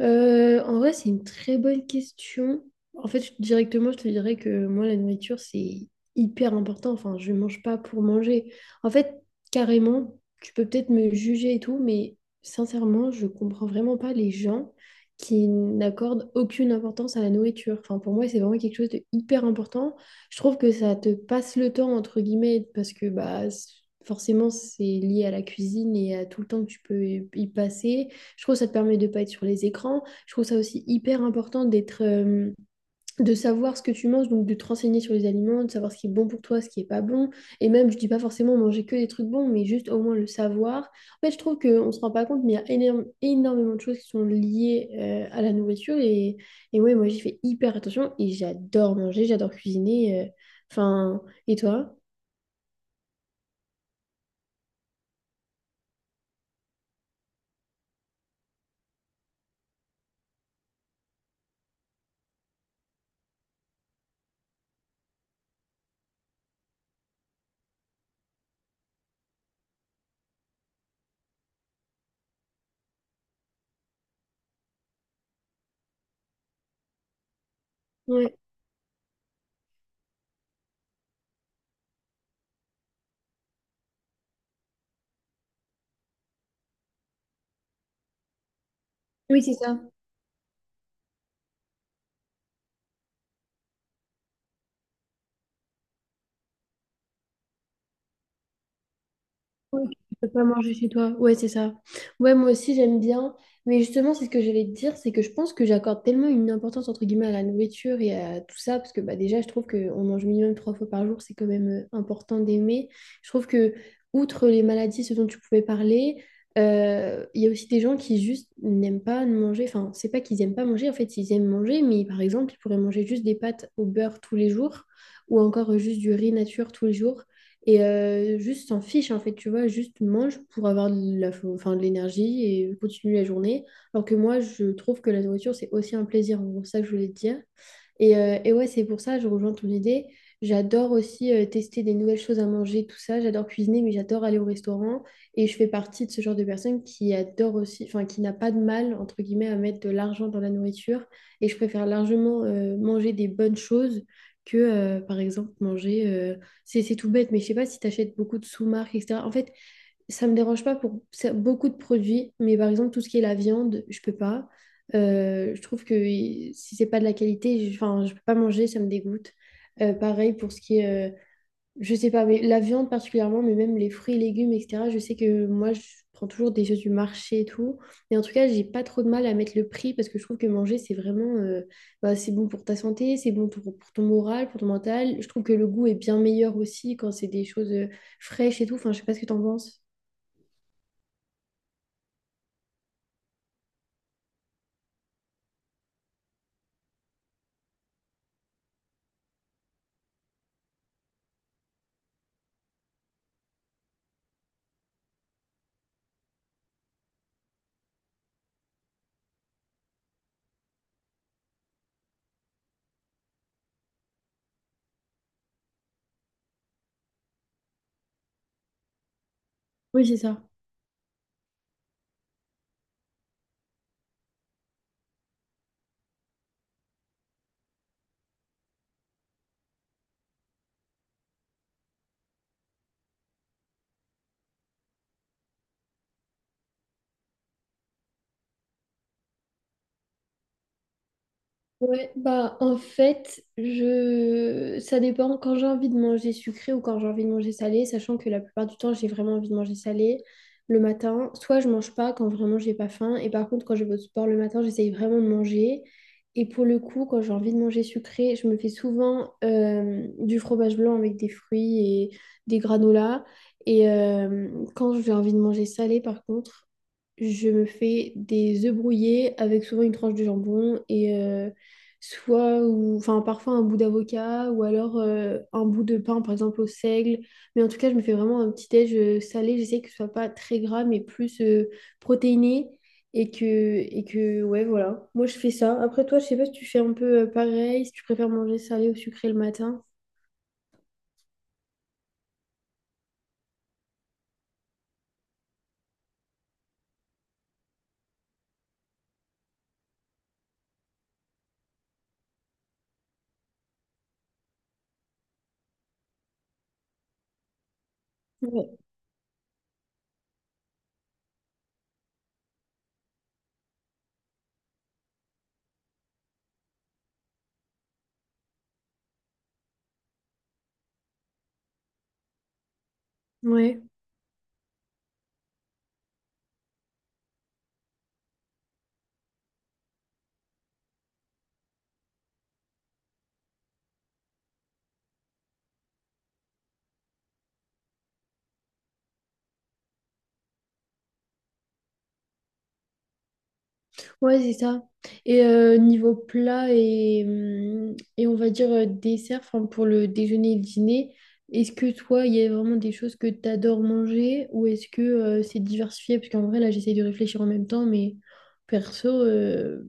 En vrai, c'est une très bonne question. En fait, directement, je te dirais que moi, la nourriture, c'est hyper important. Enfin, je mange pas pour manger. En fait, carrément, tu peux peut-être me juger et tout, mais sincèrement, je comprends vraiment pas les gens qui n'accordent aucune importance à la nourriture. Enfin, pour moi, c'est vraiment quelque chose de hyper important. Je trouve que ça te passe le temps, entre guillemets, parce que bah, forcément, c'est lié à la cuisine et à tout le temps que tu peux y passer. Je trouve que ça te permet de pas être sur les écrans. Je trouve ça aussi hyper important d'être, de savoir ce que tu manges, donc de te renseigner sur les aliments, de savoir ce qui est bon pour toi, ce qui est pas bon. Et même, je dis pas forcément manger que des trucs bons, mais juste au moins le savoir. En fait, je trouve qu'on se rend pas compte, mais il y a énormément de choses qui sont liées à la nourriture. Et ouais, moi, j'y fais hyper attention et j'adore manger, j'adore cuisiner. Enfin, et toi? Ouais. Oui, c'est ça. Oui, tu peux pas manger chez toi. Ouais, c'est ça. Ouais, moi aussi, j'aime bien. Mais justement, c'est ce que j'allais te dire, c'est que je pense que j'accorde tellement une importance, entre guillemets, à la nourriture et à tout ça, parce que bah, déjà, je trouve qu'on mange minimum 3 fois par jour, c'est quand même important d'aimer. Je trouve que, outre les maladies, ce dont tu pouvais parler, il y a aussi des gens qui juste n'aiment pas manger. Enfin, c'est pas qu'ils aiment pas manger, en fait, ils aiment manger, mais par exemple, ils pourraient manger juste des pâtes au beurre tous les jours, ou encore juste du riz nature tous les jours et juste s'en fiche en fait, tu vois, juste mange pour avoir de la, enfin, de l'énergie et continue la journée. Alors que moi, je trouve que la nourriture, c'est aussi un plaisir, en gros, c'est ça que je voulais te dire. Et ouais, c'est pour ça, je rejoins ton idée. J'adore aussi tester des nouvelles choses à manger, tout ça. J'adore cuisiner, mais j'adore aller au restaurant. Et je fais partie de ce genre de personne qui adore aussi, enfin, qui n'a pas de mal, entre guillemets, à mettre de l'argent dans la nourriture. Et je préfère largement manger des bonnes choses que, par exemple, manger. C'est tout bête, mais je sais pas si tu achètes beaucoup de sous-marques, etc. En fait, ça me dérange pas pour beaucoup de produits, mais par exemple, tout ce qui est la viande, je peux pas. Je trouve que si c'est pas de la qualité, enfin, je peux pas manger, ça me dégoûte. Pareil pour ce qui est, je sais pas, mais la viande particulièrement, mais même les fruits et légumes, etc. Je sais que moi, je prends toujours des choses du marché et tout. Mais en tout cas, j'ai pas trop de mal à mettre le prix parce que je trouve que manger, c'est vraiment, bah, c'est bon pour ta santé, c'est bon pour ton moral, pour ton mental. Je trouve que le goût est bien meilleur aussi quand c'est des choses fraîches et tout. Enfin, je sais pas ce que t'en penses. Oui, c'est ça. Ouais, bah en fait, je ça dépend quand j'ai envie de manger sucré ou quand j'ai envie de manger salé, sachant que la plupart du temps, j'ai vraiment envie de manger salé le matin. Soit je mange pas quand vraiment j'ai pas faim, et par contre quand je vais au sport le matin, j'essaye vraiment de manger. Et pour le coup, quand j'ai envie de manger sucré, je me fais souvent du fromage blanc avec des fruits et des granolas. Et quand j'ai envie de manger salé par contre, je me fais des œufs brouillés avec souvent une tranche de jambon et soit ou enfin parfois un bout d'avocat, ou alors un bout de pain par exemple au seigle. Mais en tout cas je me fais vraiment un petit déj salé, j'essaie que ce soit pas très gras mais plus protéiné. Et que ouais voilà, moi je fais ça. Après toi, je sais pas si tu fais un peu pareil, si tu préfères manger salé ou sucré le matin. Ouais. Ouais. Ouais, c'est ça. Et niveau plat et on va dire dessert, enfin pour le déjeuner et le dîner, est-ce que toi, il y a vraiment des choses que tu adores manger ou est-ce que c'est diversifié? Parce qu'en vrai, là, j'essaie de réfléchir en même temps, mais perso,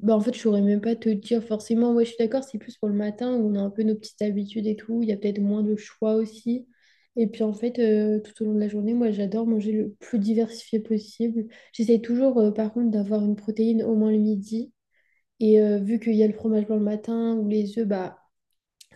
bah en fait, je saurais même pas te dire forcément. Ouais, je suis d'accord, c'est plus pour le matin où on a un peu nos petites habitudes et tout. Il y a peut-être moins de choix aussi. Et puis en fait, tout au long de la journée, moi, j'adore manger le plus diversifié possible. J'essaie toujours, par contre, d'avoir une protéine au moins le midi. Et vu qu'il y a le fromage blanc le matin ou les œufs, bah,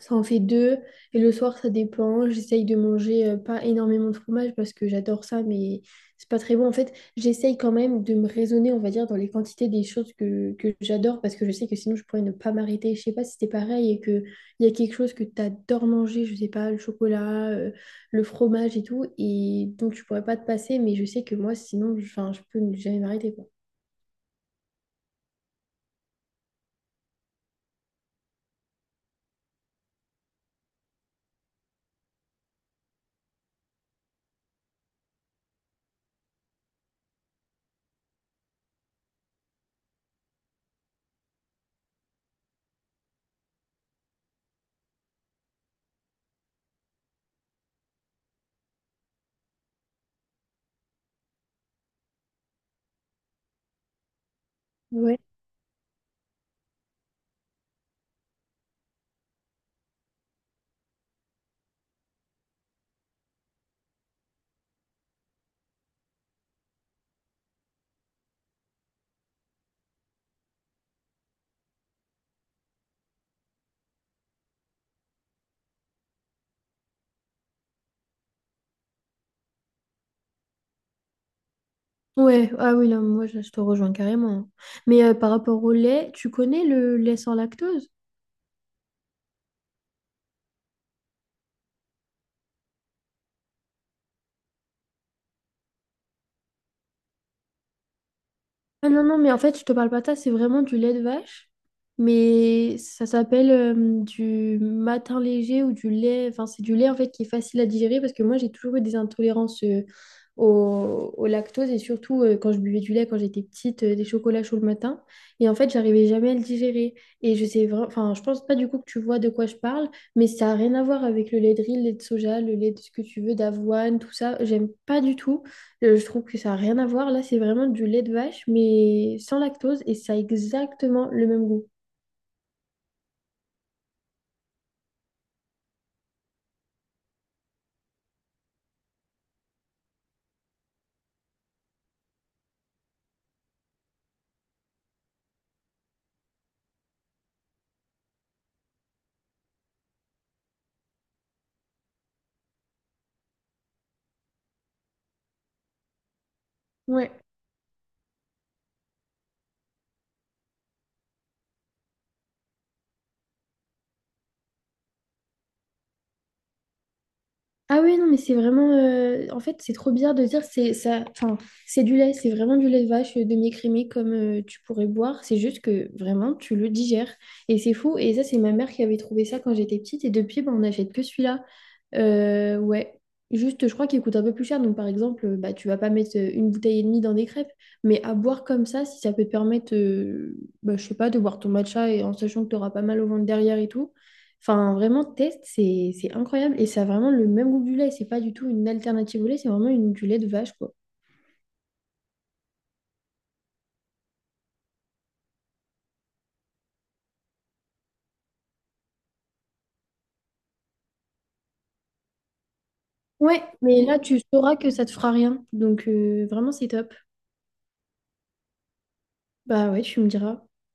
ça en fait deux. Et le soir, ça dépend. J'essaye de manger pas énormément de fromage parce que j'adore ça, mais c'est pas très bon. En fait, j'essaye quand même de me raisonner, on va dire, dans les quantités des choses que j'adore parce que je sais que sinon, je pourrais ne pas m'arrêter. Je sais pas si c'était pareil et qu'il y a quelque chose que t'adores manger, je sais pas, le chocolat, le fromage et tout. Et donc, tu pourrais pas te passer, mais je sais que moi, sinon, enfin, je peux ne jamais m'arrêter. Ouais. Ouais, ah oui, là, moi, je te rejoins carrément. Mais par rapport au lait, tu connais le lait sans lactose? Ah non, non, mais en fait, je te parle pas de ça, c'est vraiment du lait de vache. Mais ça s'appelle du matin léger ou du lait. Enfin, c'est du lait en fait qui est facile à digérer parce que moi, j'ai toujours eu des intolérances au lactose et surtout quand je buvais du lait quand j'étais petite, des chocolats chauds le matin. Et en fait, j'arrivais jamais à le digérer. Et je sais vraiment, enfin, je pense pas du coup que tu vois de quoi je parle, mais ça a rien à voir avec le lait de riz, le lait de soja, le lait de ce que tu veux, d'avoine, tout ça. J'aime pas du tout. Je trouve que ça n'a rien à voir. Là, c'est vraiment du lait de vache, mais sans lactose et ça a exactement le même goût. Ouais. Ah oui, non, mais c'est vraiment en fait, c'est trop bizarre de dire c'est ça. Enfin, c'est du lait, c'est vraiment du lait de vache demi-écrémé comme tu pourrais boire. C'est juste que vraiment, tu le digères. Et c'est fou. Et ça, c'est ma mère qui avait trouvé ça quand j'étais petite. Et depuis, bah, on n'achète que celui-là. Ouais. Juste, je crois qu'il coûte un peu plus cher. Donc, par exemple, bah, tu vas pas mettre une bouteille et demie dans des crêpes. Mais à boire comme ça, si ça peut te permettre, bah, je sais pas, de boire ton matcha et en sachant que tu auras pas mal au ventre derrière et tout. Enfin, vraiment, test, c'est incroyable et ça a vraiment le même goût que du lait. C'est pas du tout une alternative au lait, c'est vraiment une, du lait de vache, quoi. Ouais, mais là, tu sauras que ça te fera rien. Donc, vraiment, c'est top. Bah ouais, tu me diras.